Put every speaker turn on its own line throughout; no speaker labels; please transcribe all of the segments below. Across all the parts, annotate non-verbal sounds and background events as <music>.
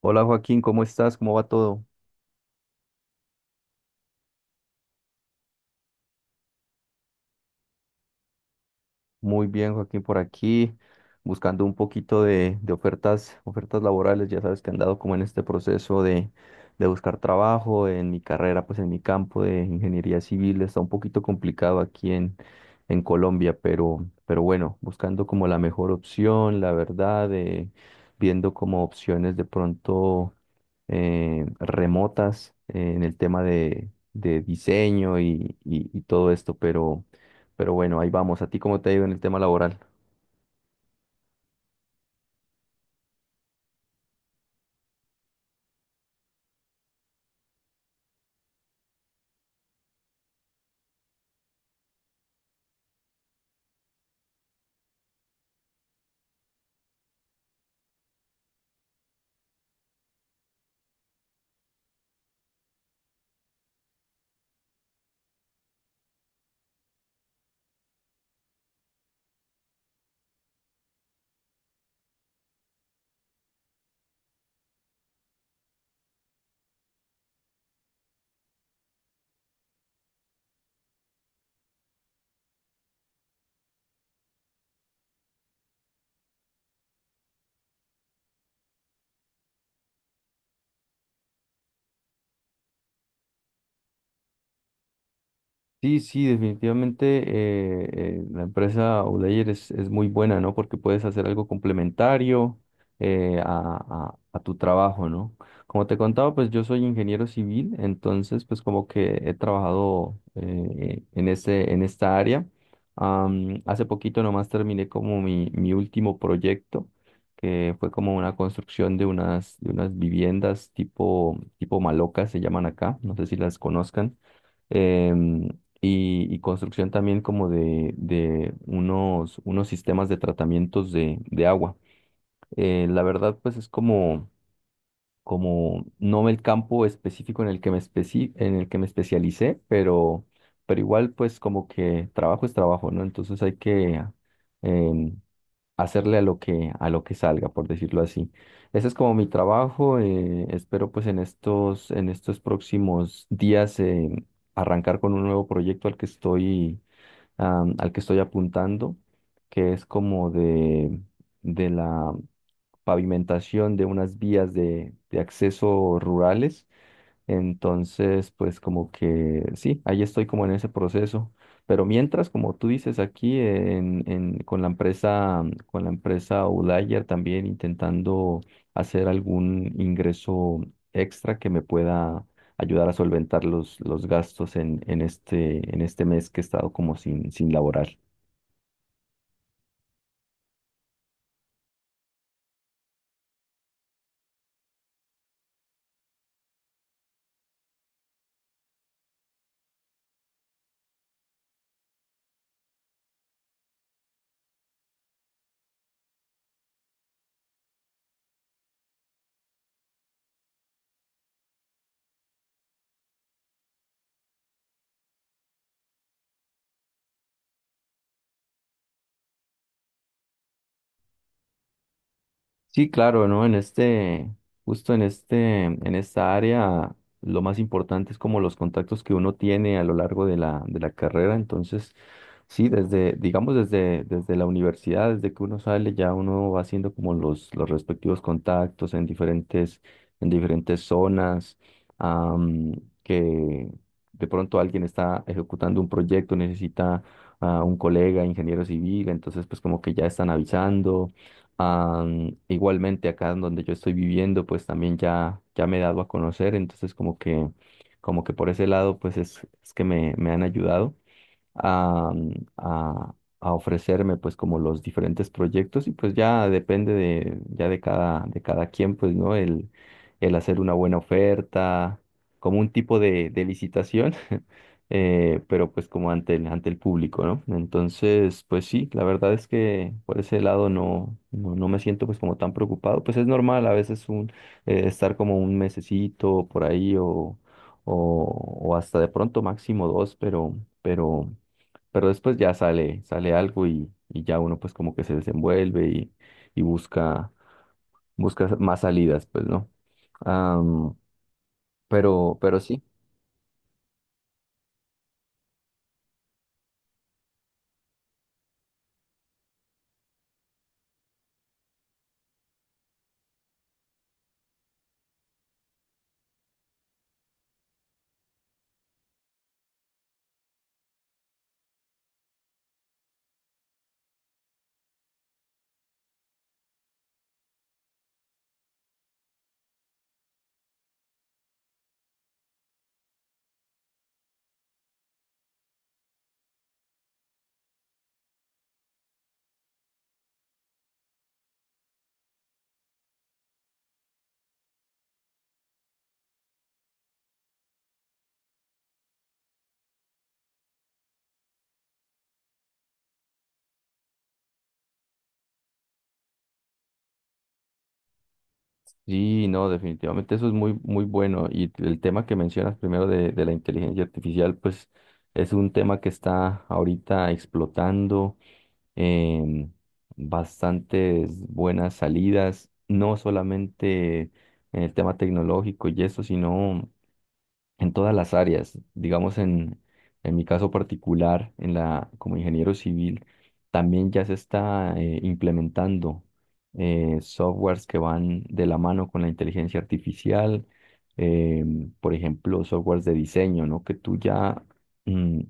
Hola Joaquín, ¿cómo estás? ¿Cómo va todo? Muy bien, Joaquín, por aquí, buscando un poquito de ofertas, ofertas laborales. Ya sabes que han dado como en este proceso de buscar trabajo en mi carrera, pues en mi campo de ingeniería civil. Está un poquito complicado en Colombia, pero bueno, buscando como la mejor opción, la verdad, viendo como opciones de pronto remotas en el tema de diseño y todo esto, pero... Pero bueno, ahí vamos. ¿A ti cómo te ha ido en el tema laboral? Sí, sí, definitivamente la empresa Olayer es muy buena, ¿no? Porque puedes hacer algo complementario a tu trabajo, ¿no? Como te contaba, pues yo soy ingeniero civil, entonces pues como que he trabajado en esta área. Hace poquito nomás terminé como mi último proyecto, que fue como una construcción de de unas viviendas tipo, tipo malocas, se llaman acá, no sé si las conozcan. Em, y, y construcción también como de unos, unos sistemas de tratamientos de agua. La verdad, pues es como no el campo específico en el que en el que me especialicé, pero igual pues como que trabajo es trabajo, ¿no? Entonces hay que em, hacerle a lo a lo que salga, por decirlo así. Ese es como mi trabajo. Espero pues en en estos próximos días arrancar con un nuevo proyecto al que estoy al que estoy apuntando, que es como de la pavimentación de unas vías de acceso rurales. Entonces, pues como que sí, ahí estoy como en ese proceso. Pero mientras, como tú dices aquí, con la empresa Outlier también intentando hacer algún ingreso extra que me pueda ayudar a solventar los gastos en este mes que he estado como sin, sin laborar. Sí, claro, ¿no? Justo en este, en esta área, lo más importante es como los contactos que uno tiene a lo largo de la carrera. Entonces, sí, desde, digamos, desde la universidad, desde que uno sale, ya uno va haciendo como los respectivos contactos en en diferentes zonas, am, que de pronto alguien está ejecutando un proyecto, necesita a un colega, ingeniero civil, entonces pues como que ya están avisando. Igualmente acá en donde yo estoy viviendo, pues también ya, ya me he dado a conocer, entonces como que por ese lado, pues es que me han ayudado a, a, a ofrecerme pues como los diferentes proyectos y pues ya depende ya de cada quien, pues, ¿no? El hacer una buena oferta, como un tipo de licitación, <laughs> pero pues como ante ante el público, ¿no? Entonces, pues sí, la verdad es que por ese lado no, no, no me siento pues como tan preocupado, pues es normal a veces estar como un mesecito por ahí o hasta de pronto máximo dos, pero, pero después ya sale, sale algo y ya uno pues como que se desenvuelve y busca, busca más salidas, pues, ¿no? Am, pero sí. Sí, no, definitivamente eso es muy, muy bueno. Y el tema que mencionas primero de la inteligencia artificial, pues es un tema que está ahorita explotando. em, Bastantes buenas salidas, no solamente en el tema tecnológico y eso, sino en todas las áreas. Digamos, en mi caso particular, en la, como ingeniero civil, también ya se está implementando softwares que van de la mano con la inteligencia artificial, eh, por ejemplo, softwares de diseño, ¿no? Que tú ya mm,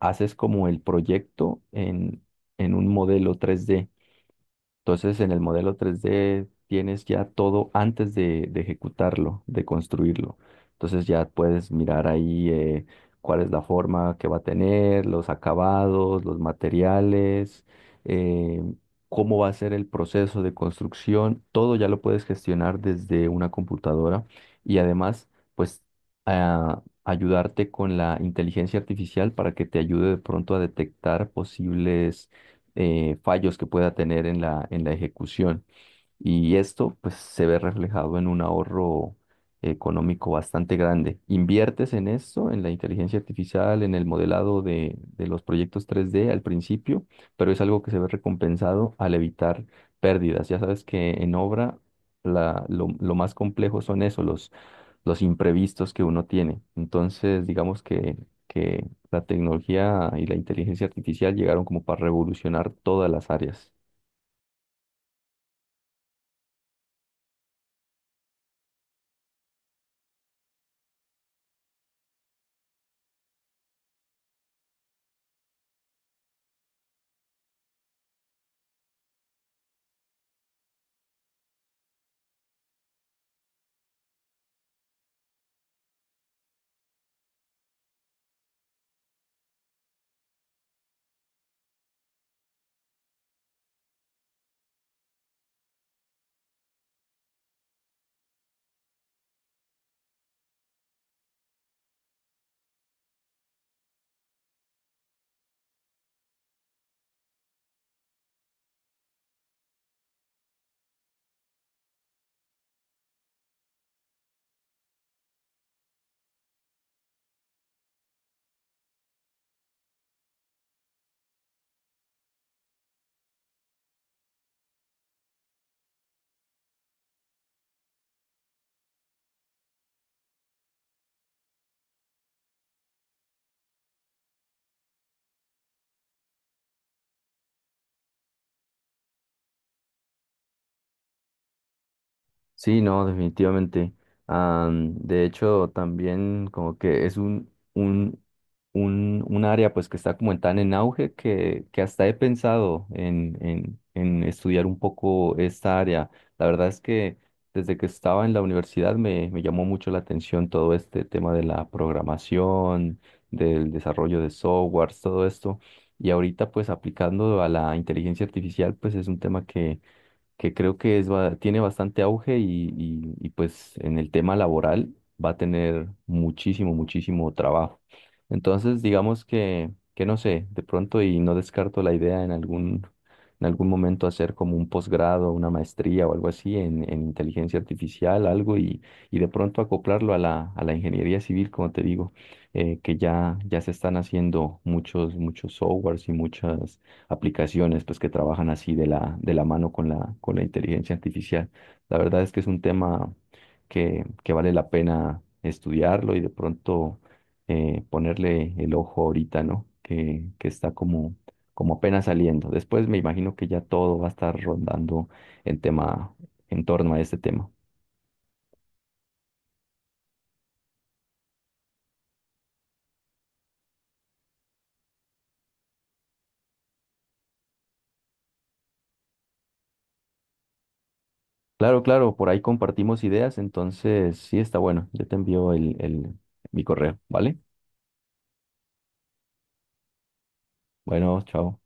haces como el proyecto en un modelo tres d. Entonces, en el modelo 3D tienes ya todo antes de ejecutarlo, de construirlo. Entonces ya puedes mirar ahí cuál es la forma que va a tener, los acabados, los materiales, eh, cómo va a ser el proceso de construcción. Todo ya lo puedes gestionar desde una computadora y además, pues, ayudarte con la inteligencia artificial para que te ayude de pronto a detectar posibles fallos que pueda tener en en la ejecución. Y esto pues se ve reflejado en un ahorro económico bastante grande. Inviertes en esto, en la inteligencia artificial, en el modelado de los proyectos tres d al principio, pero es algo que se ve recompensado al evitar pérdidas. Ya sabes que en obra lo más complejo son eso, los imprevistos que uno tiene. Entonces, digamos que la tecnología y la inteligencia artificial llegaron como para revolucionar todas las áreas. Sí, no, definitivamente. De hecho, también como que es un área pues que está como en tan en auge que hasta he pensado en estudiar un poco esta área. La verdad es que desde que estaba en la universidad me, me llamó mucho la atención todo este tema de la programación, del desarrollo de softwares, todo esto. Y ahorita pues aplicando a la inteligencia artificial pues es un tema que creo que tiene bastante auge y, pues en el tema laboral va a tener muchísimo, muchísimo trabajo. Entonces, digamos que no sé, de pronto y no descarto la idea en en algún momento hacer como un posgrado, una maestría o algo así en inteligencia artificial, algo y de pronto acoplarlo a a la ingeniería civil, como te digo, que ya, ya se están haciendo muchos, muchos softwares y muchas aplicaciones pues que trabajan así de de la mano con con la inteligencia artificial. La verdad es que es un tema que vale la pena estudiarlo y de pronto ponerle el ojo ahorita, ¿no? Que está como, como apenas saliendo. Después me imagino que ya todo va a estar rondando en tema, en torno a este tema. Claro, claro, por ahí compartimos ideas, entonces sí está bueno. Yo te envío el, mi correo, ¿vale? Bueno, chao.